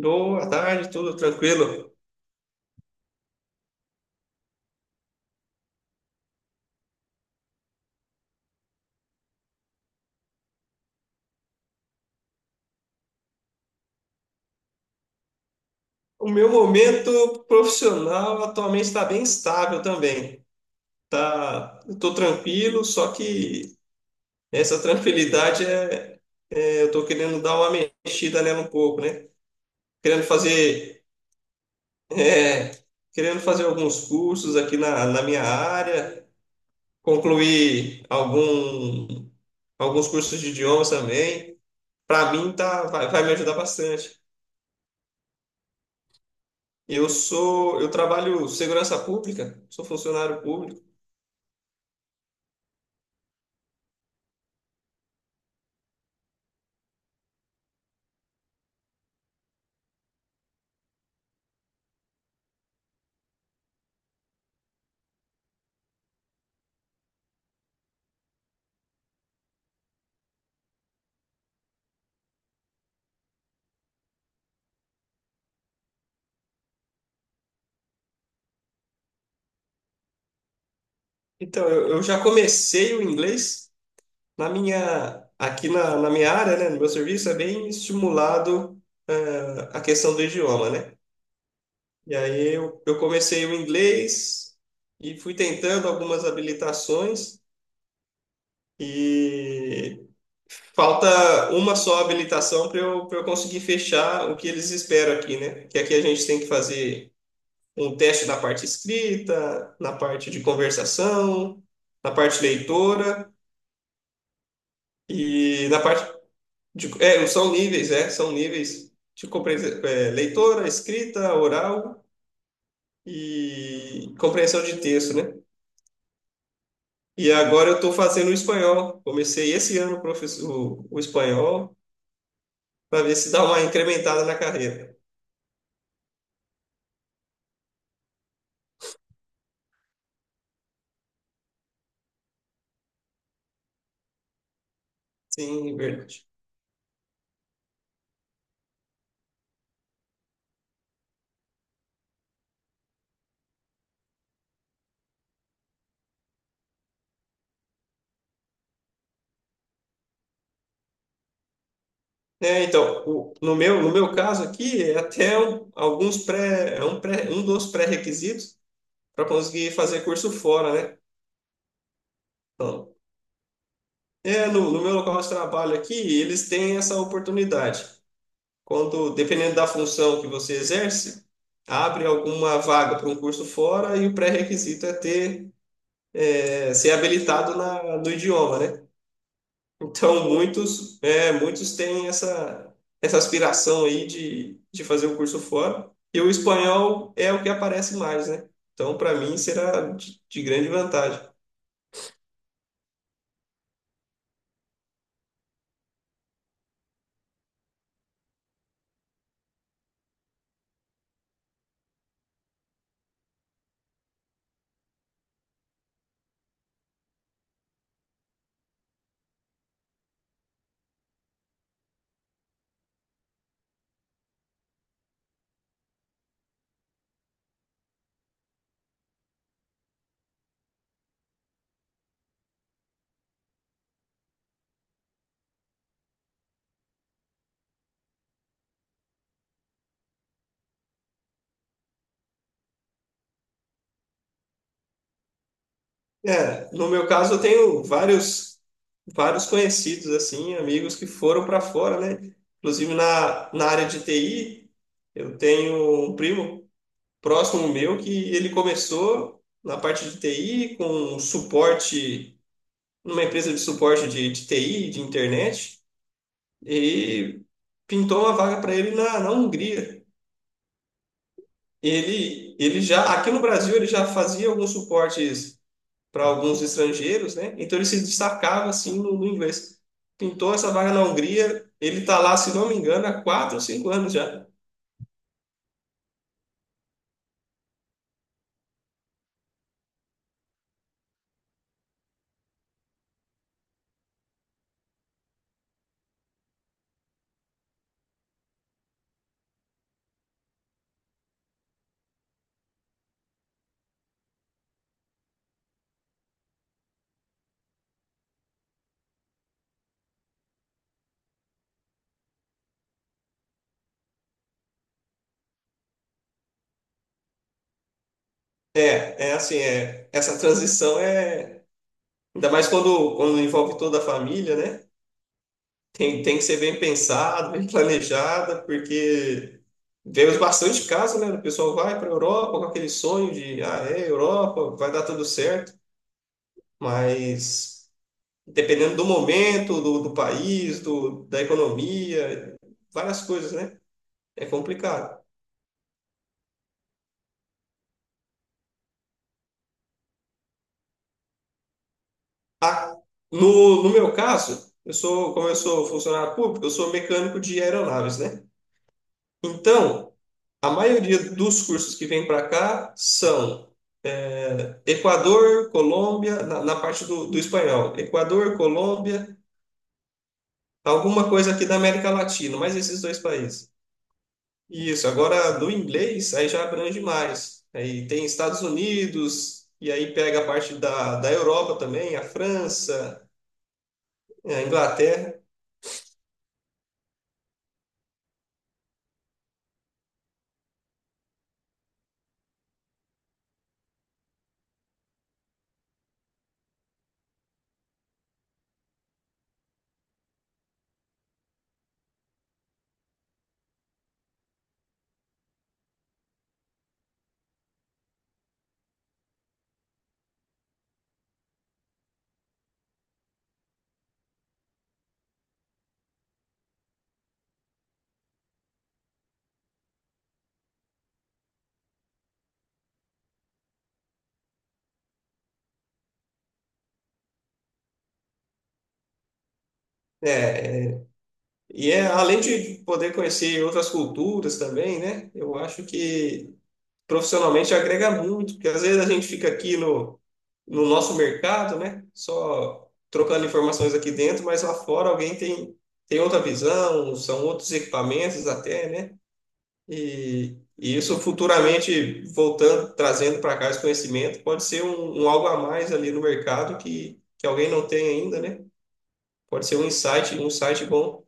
Boa tarde, tudo tranquilo? O meu momento profissional atualmente está bem estável também. Tá, estou tranquilo, só que essa tranquilidade eu estou querendo dar uma mexida nela um pouco, né? Querendo fazer, é, querendo fazer alguns cursos aqui na minha área, concluir alguns cursos de idiomas também. Para mim tá, vai, vai me ajudar bastante. Eu trabalho segurança pública, sou funcionário público. Então, eu já comecei o inglês na minha, aqui na minha área, né? No meu serviço é bem estimulado, a questão do idioma, né? E aí eu comecei o inglês e fui tentando algumas habilitações e falta uma só habilitação para para eu conseguir fechar o que eles esperam aqui, né? Que aqui a gente tem que fazer um teste na parte escrita, na parte de conversação, na parte leitora e na parte de, é, são níveis de leitora, escrita, oral e compreensão de texto, né? E agora eu estou fazendo o espanhol. Comecei esse ano professor, o espanhol para ver se dá uma incrementada na carreira. Sim, verdade. É, então, no meu, no meu caso aqui, é até um- alguns pré, é um, pré, um dos pré-requisitos para conseguir fazer curso fora, né? Então, é, no meu local de trabalho aqui, eles têm essa oportunidade. Quando, dependendo da função que você exerce, abre alguma vaga para um curso fora e o pré-requisito é ser habilitado no idioma, né? Então, muitos têm essa aspiração aí de fazer o curso fora. E o espanhol é o que aparece mais, né? Então, para mim, será de grande vantagem. É, no meu caso, eu tenho vários conhecidos, assim, amigos que foram para fora, né? Inclusive na área de TI, eu tenho um primo próximo meu que ele começou na parte de TI com um suporte, numa empresa de suporte de TI, de internet, e pintou uma vaga para ele na Hungria. Ele já, aqui no Brasil, ele já fazia alguns suportes para alguns estrangeiros, né? Então ele se destacava assim no inglês. Pintou essa vaga na Hungria, ele está lá, se não me engano, há quatro ou cinco anos já. Essa transição é. Ainda mais quando envolve toda a família, né? Tem que ser bem pensada, bem planejada, porque vemos bastante casos, né? O pessoal vai para a Europa com aquele sonho de, ah, é, Europa, vai dar tudo certo, mas dependendo do momento, do país, da economia, várias coisas, né? É complicado. Ah, no meu caso, como eu sou funcionário público, eu sou mecânico de aeronaves, né? Então, a maioria dos cursos que vem para cá são Equador, Colômbia, na parte do espanhol, Equador, Colômbia, alguma coisa aqui da América Latina, mais esses dois países. Isso, agora do inglês aí já abrange mais. Aí tem Estados Unidos, e aí pega a parte da Europa também, a França, a Inglaterra. É, e é além de poder conhecer outras culturas também, né? Eu acho que profissionalmente agrega muito, porque às vezes a gente fica aqui no nosso mercado, né? Só trocando informações aqui dentro, mas lá fora alguém tem outra visão, são outros equipamentos até, né? E isso futuramente, voltando, trazendo para cá esse conhecimento, pode ser um algo a mais ali no mercado que alguém não tem ainda, né? Pode ser um insight bom.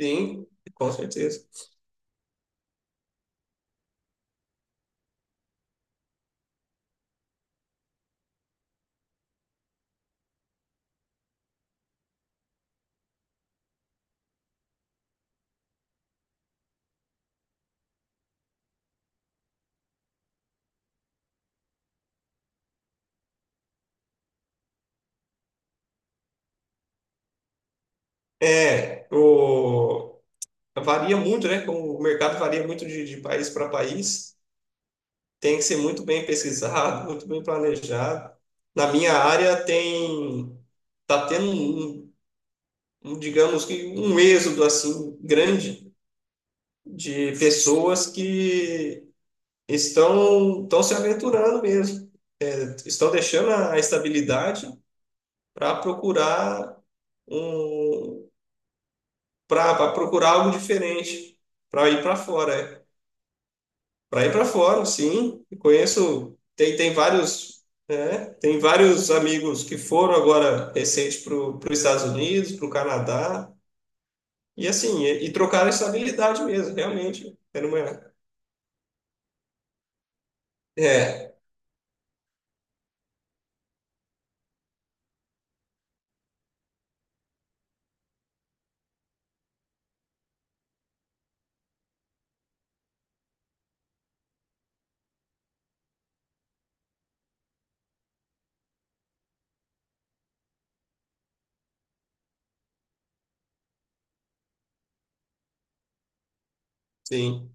Sim, com certeza. É, o, varia muito, né? Como o mercado varia muito de país para país. Tem que ser muito bem pesquisado, muito bem planejado. Na minha área tá tendo um, digamos que um êxodo assim grande de pessoas que estão se aventurando mesmo, estão deixando a estabilidade para procurar um para procurar algo diferente, para ir para fora, é. Para ir para fora, sim. Conheço, tem, tem vários, né? Tem vários amigos que foram agora recente para os Estados Unidos, para o Canadá, e assim, e trocaram a estabilidade mesmo, realmente. Era uma, é, sim.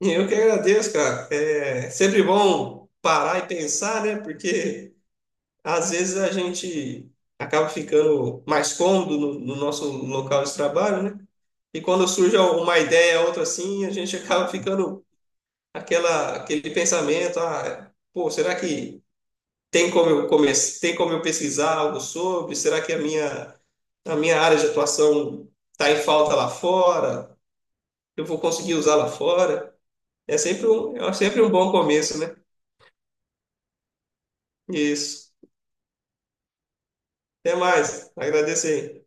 Eu que agradeço, cara. É sempre bom parar e pensar, né? Porque às vezes a gente acaba ficando mais cômodo no nosso local de trabalho, né? E quando surge uma ideia, outra assim, a gente acaba ficando aquela, aquele pensamento, ah, pô, será que tem como eu tem como eu pesquisar algo sobre? Será que a a minha área de atuação está em falta lá fora? Eu vou conseguir usar lá fora? É sempre é sempre um bom começo, né? Isso. Até mais. Agradeço aí.